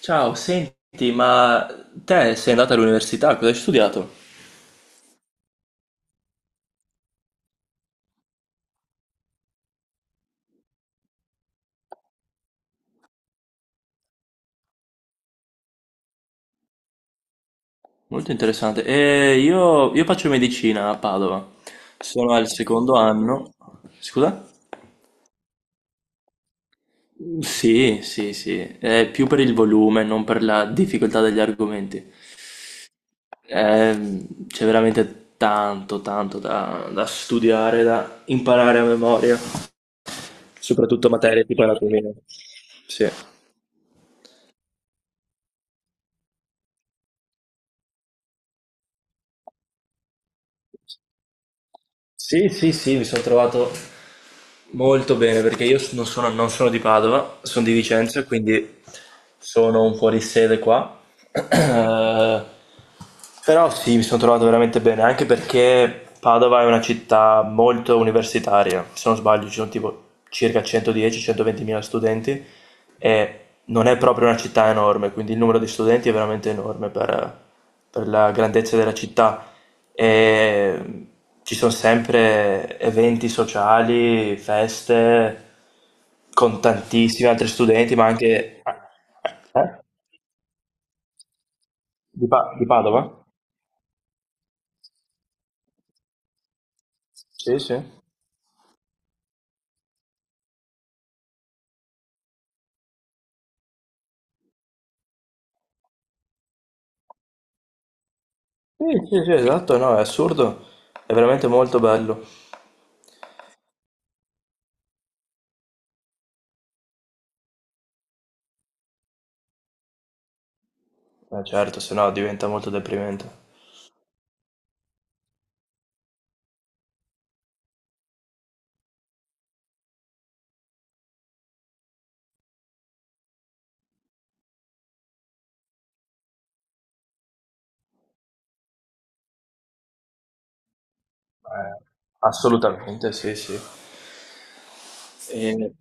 Ciao, senti, ma te sei andata all'università, cosa hai studiato? Molto interessante. E io faccio medicina a Padova, sono al secondo anno. Scusa? Mm, sì, sì, sì, è più per il volume, non per la difficoltà degli argomenti. C'è veramente tanto, tanto da studiare, da imparare a memoria, soprattutto materie tipo anatomia. Sì. Sì, sì, sì, mi sono trovato molto bene perché io non sono di Padova, sono di Vicenza, quindi sono un fuorisede qua. Eh, Però sì, mi sono trovato veramente bene, anche perché Padova è una città molto universitaria. Se non sbaglio, ci sono tipo circa 110-120 mila studenti e non è proprio una città enorme, quindi il numero di studenti è veramente enorme per la grandezza della città e ci sono sempre eventi sociali, feste con tantissimi altri studenti, ma anche. Eh? Di Padova? Sì, sì. Sì, sì, sì, esatto, no, è assurdo, è veramente molto bello. Certo, se no diventa molto deprimente. Eh, Assolutamente, sì, sì. E-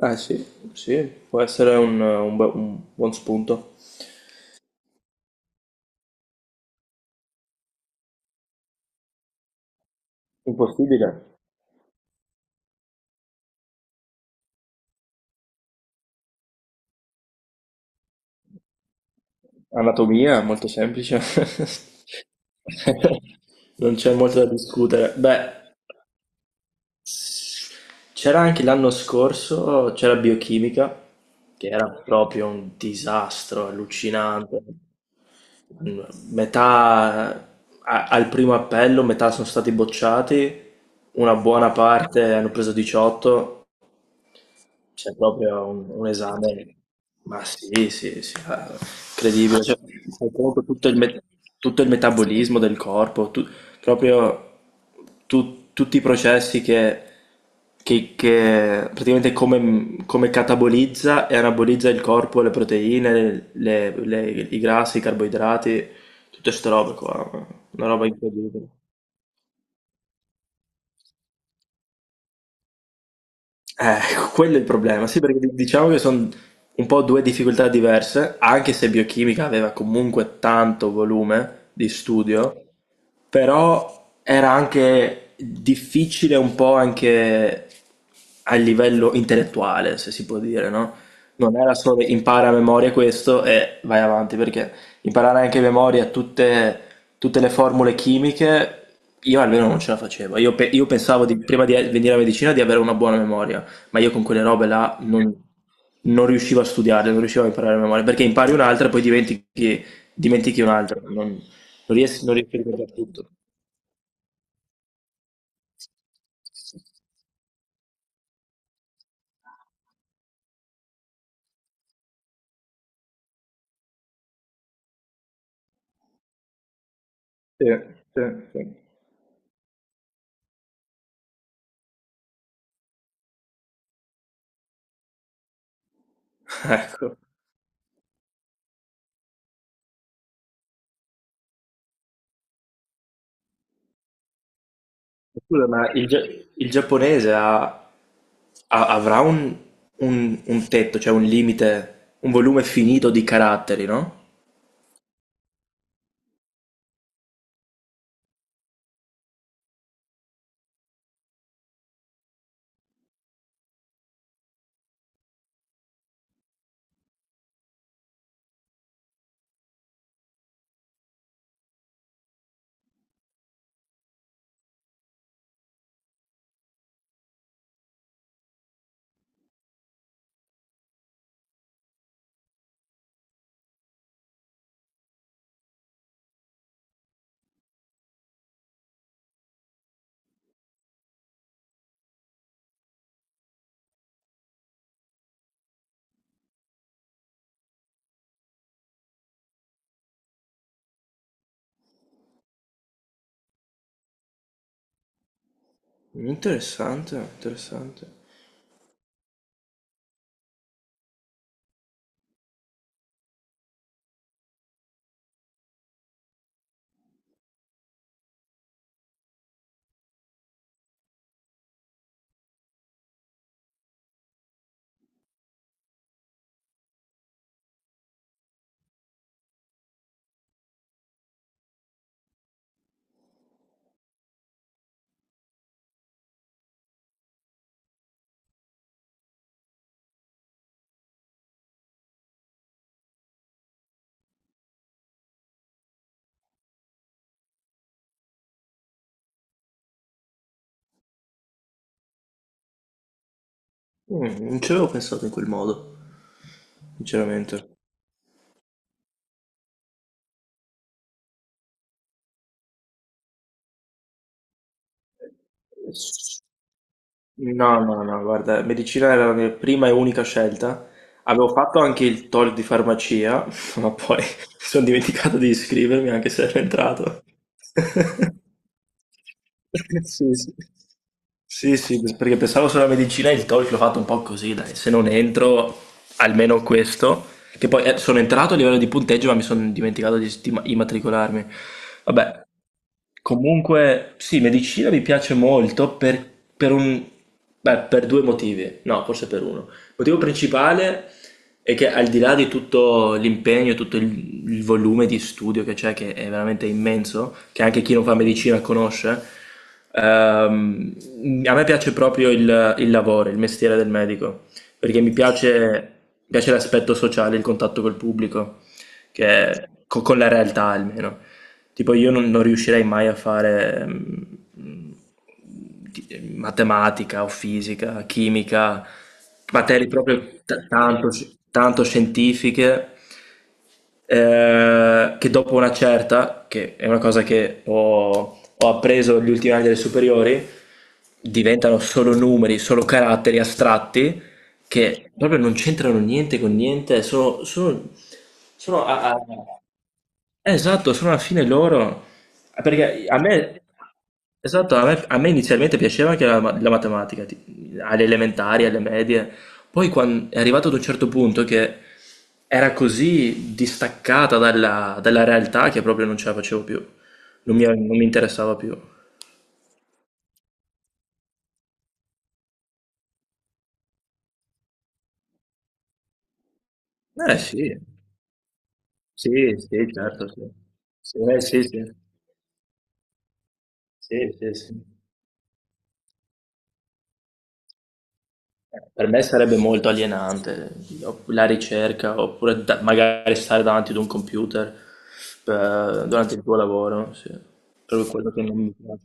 Sì, sì, può essere un buon spunto. Impossibile. Anatomia, molto semplice. Non c'è molto da discutere. Beh, c'era anche l'anno scorso, c'era biochimica, che era proprio un disastro allucinante. Metà al primo appello, metà sono stati bocciati, una buona parte hanno preso 18. C'è proprio un esame, ma sì, sì, sì, ah, incredibile, cioè, fai conto tutto il metabolismo del corpo, proprio tutti i processi che praticamente come catabolizza e anabolizza il corpo, le proteine, i grassi, i carboidrati, tutte queste robe qua, una roba incredibile. Eh, quello è il problema, sì, perché diciamo che sono un po' due difficoltà diverse, anche se biochimica aveva comunque tanto volume di studio, però era anche difficile un po' anche a livello intellettuale, se si può dire, no? Non era solo impara a memoria questo e vai avanti, perché imparare anche a memoria tutte le formule chimiche, io almeno non ce la facevo. Io pensavo prima di venire a medicina di avere una buona memoria, ma io con quelle robe là non riuscivo a studiarle, non riuscivo a imparare a memoria, perché impari un'altra e poi dimentichi un'altra. Non riesco a ricordare tutto. Sì, sì, sì. Ecco. Scusa, ma il giapponese avrà un tetto, cioè un limite, un volume finito di caratteri, no? Interessante, interessante. Non ci avevo pensato in quel modo, sinceramente. No, no, no, guarda, medicina era la mia prima e unica scelta. Avevo fatto anche il TOEIC di farmacia, ma poi mi sono dimenticato di iscrivermi anche se ero entrato. Sì, sì. Sì, sì, perché pensavo solo alla medicina e il TOEIC l'ho fatto un po' così, dai, se non entro, almeno questo, che poi sono entrato a livello di punteggio, ma mi sono dimenticato di immatricolarmi. Vabbè. Comunque, sì, medicina mi piace molto per un, beh, per due motivi, no, forse per uno. Il motivo principale è che al di là di tutto l'impegno, tutto il volume di studio che c'è, che è veramente immenso, che anche chi non fa medicina conosce, ehm, a me piace proprio il lavoro, il mestiere del medico perché mi piace l'aspetto sociale, il contatto col pubblico, con la realtà almeno. Tipo io non riuscirei mai a fare matematica o fisica, chimica, materie proprio tanto, tanto scientifiche che dopo una certa, che è una cosa che ho appreso gli ultimi anni delle superiori, diventano solo numeri, solo caratteri astratti che proprio non c'entrano niente con niente, sono, sono a- a- esatto, sono alla fine loro. Ah, perché a me, esatto, a me inizialmente piaceva anche la matematica, alle elementari, alle medie. Poi è arrivato ad un certo punto che era così distaccata dalla realtà che proprio non ce la facevo più. Non mi interessava più. Eh sì, sì, sì, certo, sì. Sì, sì, sì, sì, sì, sì. Per me sarebbe molto alienante la ricerca, oppure magari stare davanti ad un computer durante il tuo lavoro, sì. Proprio quello che non mi piace.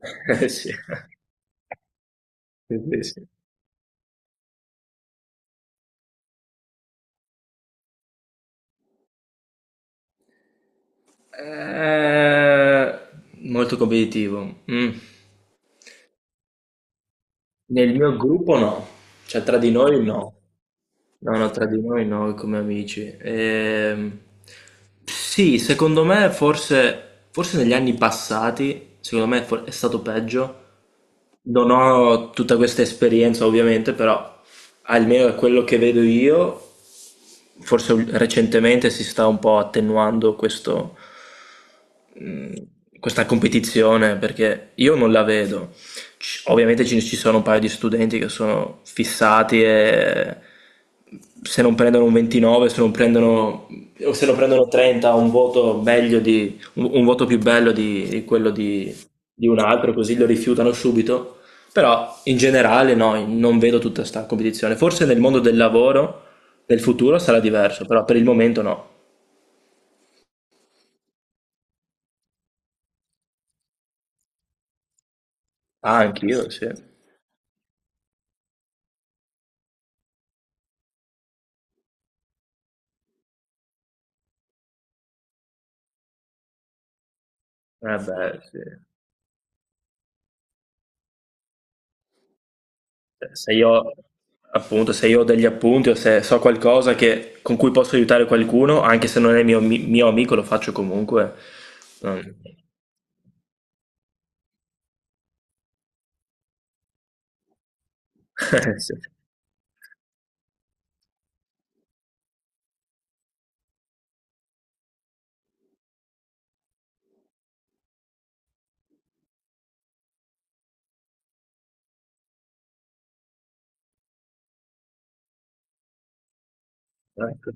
Sì. Sì, sì, sì. Eh, molto competitivo. Mm. Nel mio gruppo no, cioè tra di noi no. No, no, tra di noi no, come amici. Sì, secondo me forse negli anni passati, secondo me è stato peggio. Non ho tutta questa esperienza ovviamente, però almeno da quello che vedo io, forse recentemente si sta un po' attenuando mh, questa competizione perché io non la vedo. Ovviamente ci sono un paio di studenti che sono fissati e se non prendono un 29, se non prendono, o se non prendono 30, un voto meglio un voto più bello di quello di un altro, così lo rifiutano subito. Però in generale no, non vedo tutta questa competizione. Forse nel mondo del lavoro, nel futuro sarà diverso, però per il momento no. Ah, anch'io, sì. Eh beh, sì. Cioè, se io, appunto, se io ho degli appunti o se so qualcosa con cui posso aiutare qualcuno, anche se non è mio, mio amico, lo faccio comunque. Non- Sì. Ecco.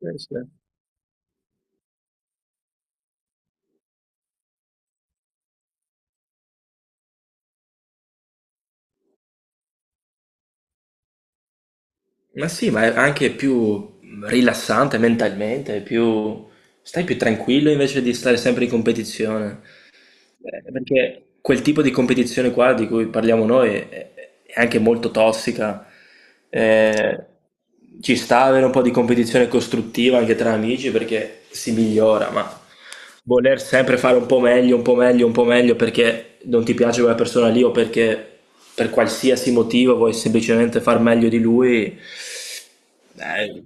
Sì. Ma sì, ma è anche più rilassante mentalmente, è più. Stai più tranquillo invece di stare sempre in competizione. Perché quel tipo di competizione qua di cui parliamo noi è anche molto tossica. Eh, Ci sta avere un po' di competizione costruttiva anche tra amici perché si migliora, ma voler sempre fare un po' meglio, un po' meglio, un po' meglio perché non ti piace quella persona lì o perché per qualsiasi motivo vuoi semplicemente far meglio di lui, eh,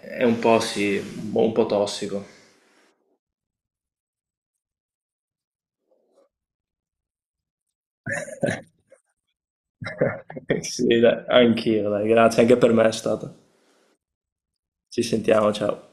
è un po', sì, un po' tossico. Sì, dai, anch'io, dai, grazie, anche per me è stato. Ci sentiamo, ciao.